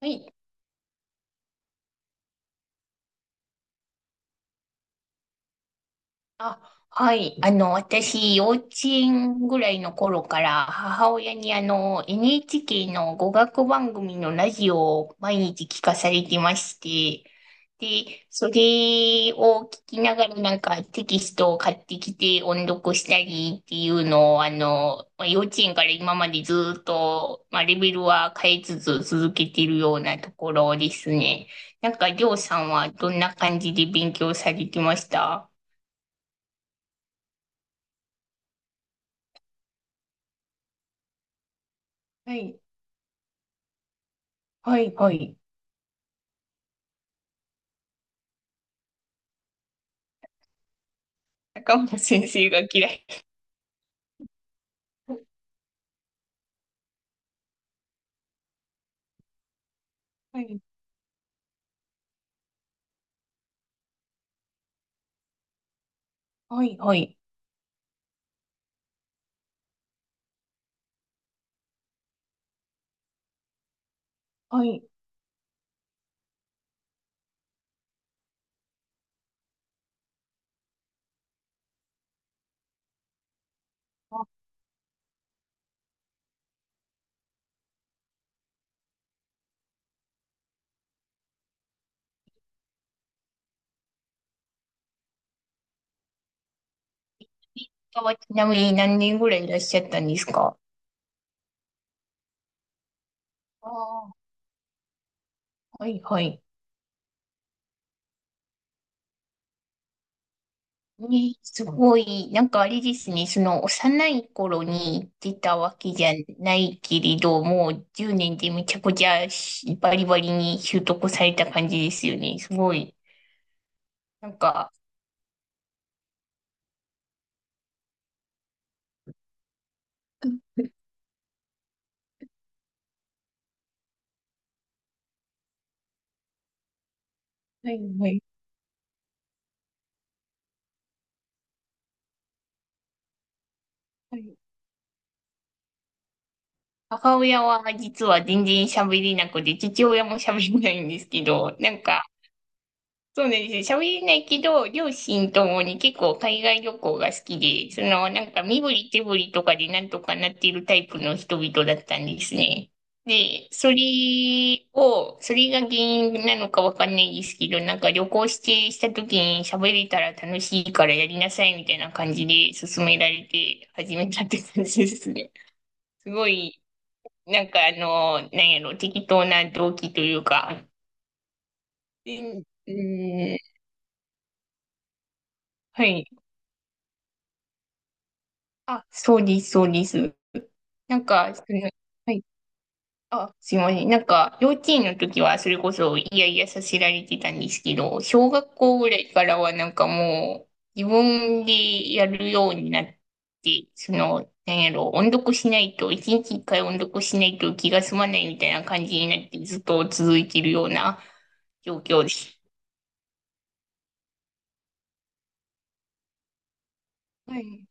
はい。あ、はい。私、幼稚園ぐらいの頃から、母親にNHK の語学番組のラジオを毎日聞かされてまして、で、それを聞きながらなんかテキストを買ってきて音読したりっていうのを、まあ幼稚園から今までずっと、まあ、レベルは変えつつ続けてるようなところですね。なんか、りょうさんはどんな感じで勉強されてました？はい、はい、はい。中本先生が嫌い。はい、はい、はい。はい、あ、インドはちなみに何年ぐらいいらっしゃったんですか？ああはい、はい。ね、すごい、なんかあれですね、その幼い頃に出たわけじゃないけれど、もう10年でめちゃくちゃしバリバリに習得された感じですよね。すごい。なんか、はい、はい。母親は実は全然喋れなくて、父親も喋れないんですけど、なんか、そうなんですよ。喋れないけど、両親ともに結構海外旅行が好きで、その、なんか身振り手振りとかでなんとかなっているタイプの人々だったんですね。で、それを、それが原因なのかわかんないですけど、なんか旅行してした時に喋れたら楽しいからやりなさいみたいな感じで勧められて始めたって感じですね。すごいなんかなんやろ、適当な動機というか。うん、うん、はい。あ、そうです、そうです。なんか、その、はい。あ、すいません。なんか、幼稚園の時はそれこそ、いやいやさせられてたんですけど、小学校ぐらいからはなんかもう、自分でやるようになって、その、なんやろ、音読しないと、一日一回音読しないと気が済まないみたいな感じになって、ずっと続いてるような状況です。はい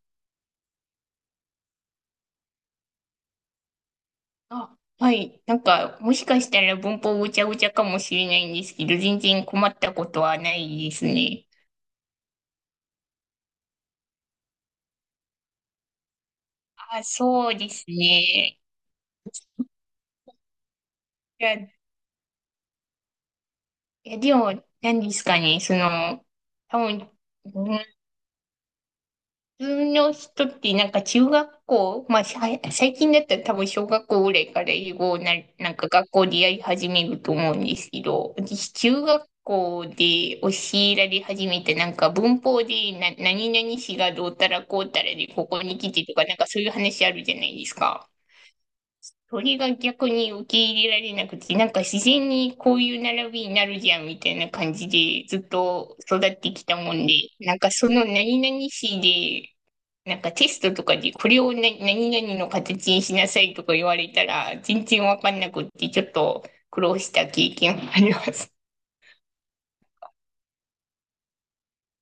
あ、はい。なんか、もしかしたら文法ごちゃごちゃかもしれないんですけど、全然困ったことはないですね。あ、そうですね。いや、いやでも、何ですかね、その、多分、う普通の人ってなんか中学校、まあさい最近だったら多分小学校ぐらいから英語をな、なんか学校でやり始めると思うんですけど、私中学校で教えられ始めてなんか文法でな、何々詞がどうたらこうたらでここに来てとかなんかそういう話あるじゃないですか。鳥が逆に受け入れられなくて、なんか自然にこういう並びになるじゃんみたいな感じでずっと育ってきたもんで、なんかその何々市で、なんかテストとかでこれをな何々の形にしなさいとか言われたら全然わかんなくってちょっと苦労した経験があります。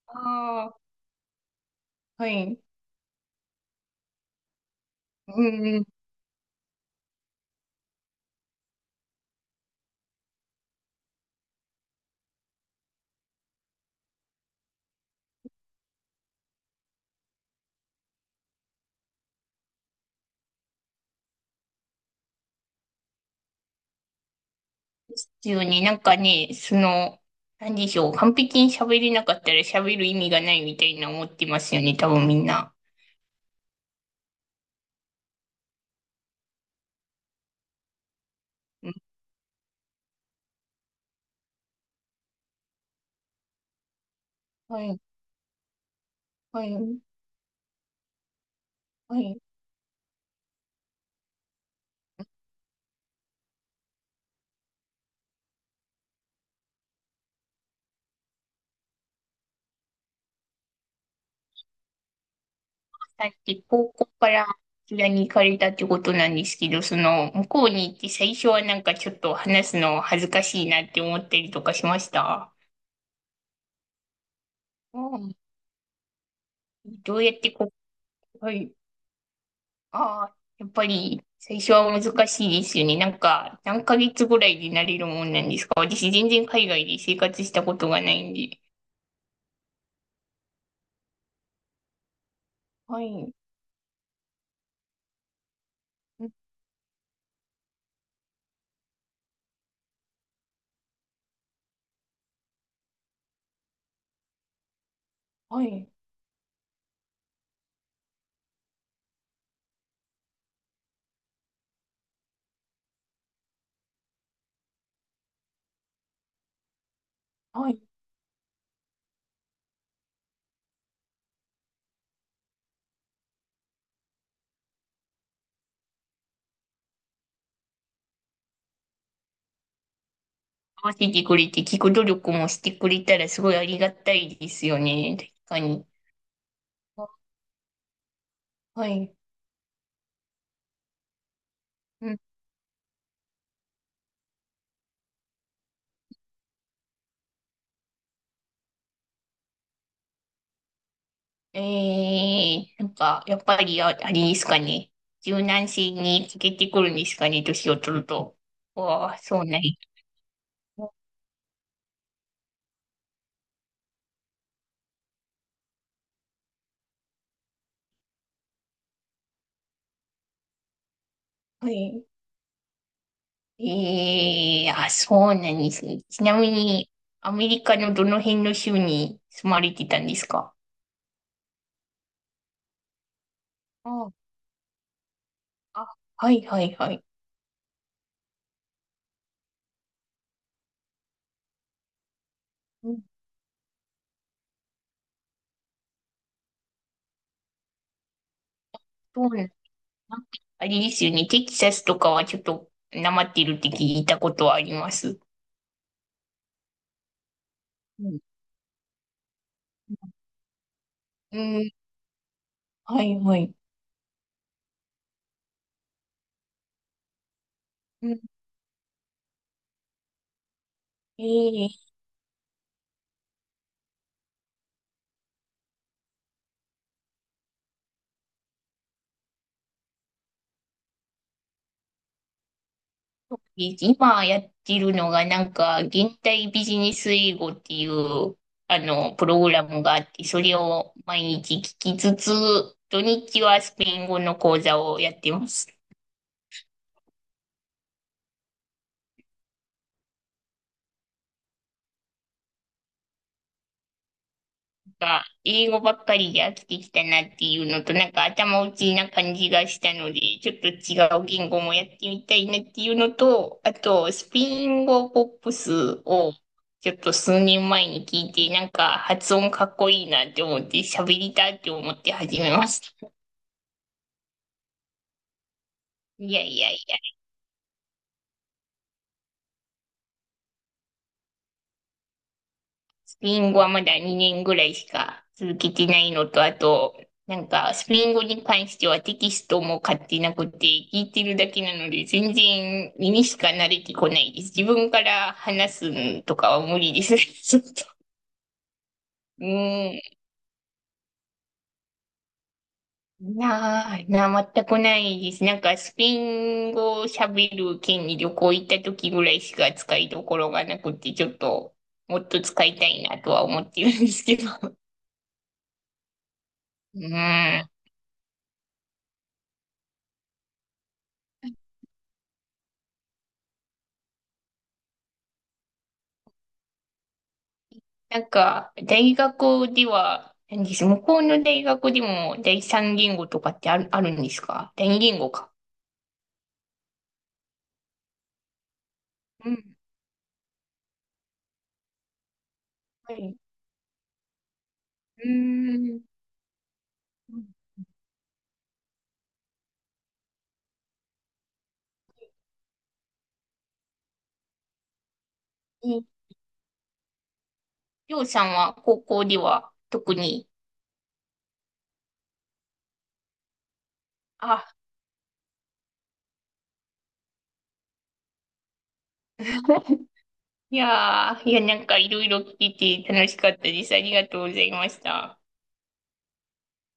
ああ、はい。うんうん。ですよね。なんかね、その、なんでしょう。完璧に喋れなかったら喋る意味がないみたいな思ってますよね。多分みんな。はい、はい、はい。さっき高校からこちらに行かれたってことなんですけど、その、向こうに行って最初はなんかちょっと話すの恥ずかしいなって思ったりとかしました？うん。どうやってこ、はい。ああ、やっぱり最初は難しいですよね。なんか、何ヶ月ぐらいでなれるもんなんですか？私全然海外で生活したことがないんで。はい。うんはい。はい。合わせてくれて、聞く努力もしてくれたらすごいありがたいですよね。確かに。あはい。うん。えー、なんか、やっぱりあ、あれですかね。柔軟性に欠けてくるんですかね、年を取ると。わあ、そうなんや。はい。ええ。あ、そうなんですね。ちなみに、アメリカのどの辺の州に住まれてたんですか？ああ、あはいはいはい。うんそうなんなんかあれですよね。テキサスとかはちょっとなまってるって聞いたことはあります。うん。うん。はいはい。うん。ええ今やってるのがなんか、現代ビジネス英語っていう、あの、プログラムがあって、それを毎日聞きつつ、土日はスペイン語の講座をやってます。か、英語ばっかりで飽きてきたなっていうのと、なんか頭打ちな感じがしたので、ちょっと違う言語もやってみたいなっていうのと、あと、スペイン語ポップスをちょっと数年前に聞いて、なんか発音かっこいいなって思って、喋りたいって思って始めました。いやいやいや。ペイン語はまだ2年ぐらいしか続けてないのと、あと、なんか、スペイン語に関してはテキストも買ってなくて、聞いてるだけなので、全然耳しか慣れてこないです。自分から話すんとかは無理です。ちょっと。うん。なあ、なあ、全くないです。なんか、スペイン語を喋る県に旅行行った時ぐらいしか使いどころがなくて、ちょっと、もっと使いたいなとは思ってるんですけど。うん。なんか、大学では、何です、向こうの大学でも第三言語とかってある、あるんですか？第二言語か。うん。はい。うーん。え、りょうさんは高校では特に、あ、いやー、いや、なんかいろいろ聞いて楽しかったです。ありがとうございました。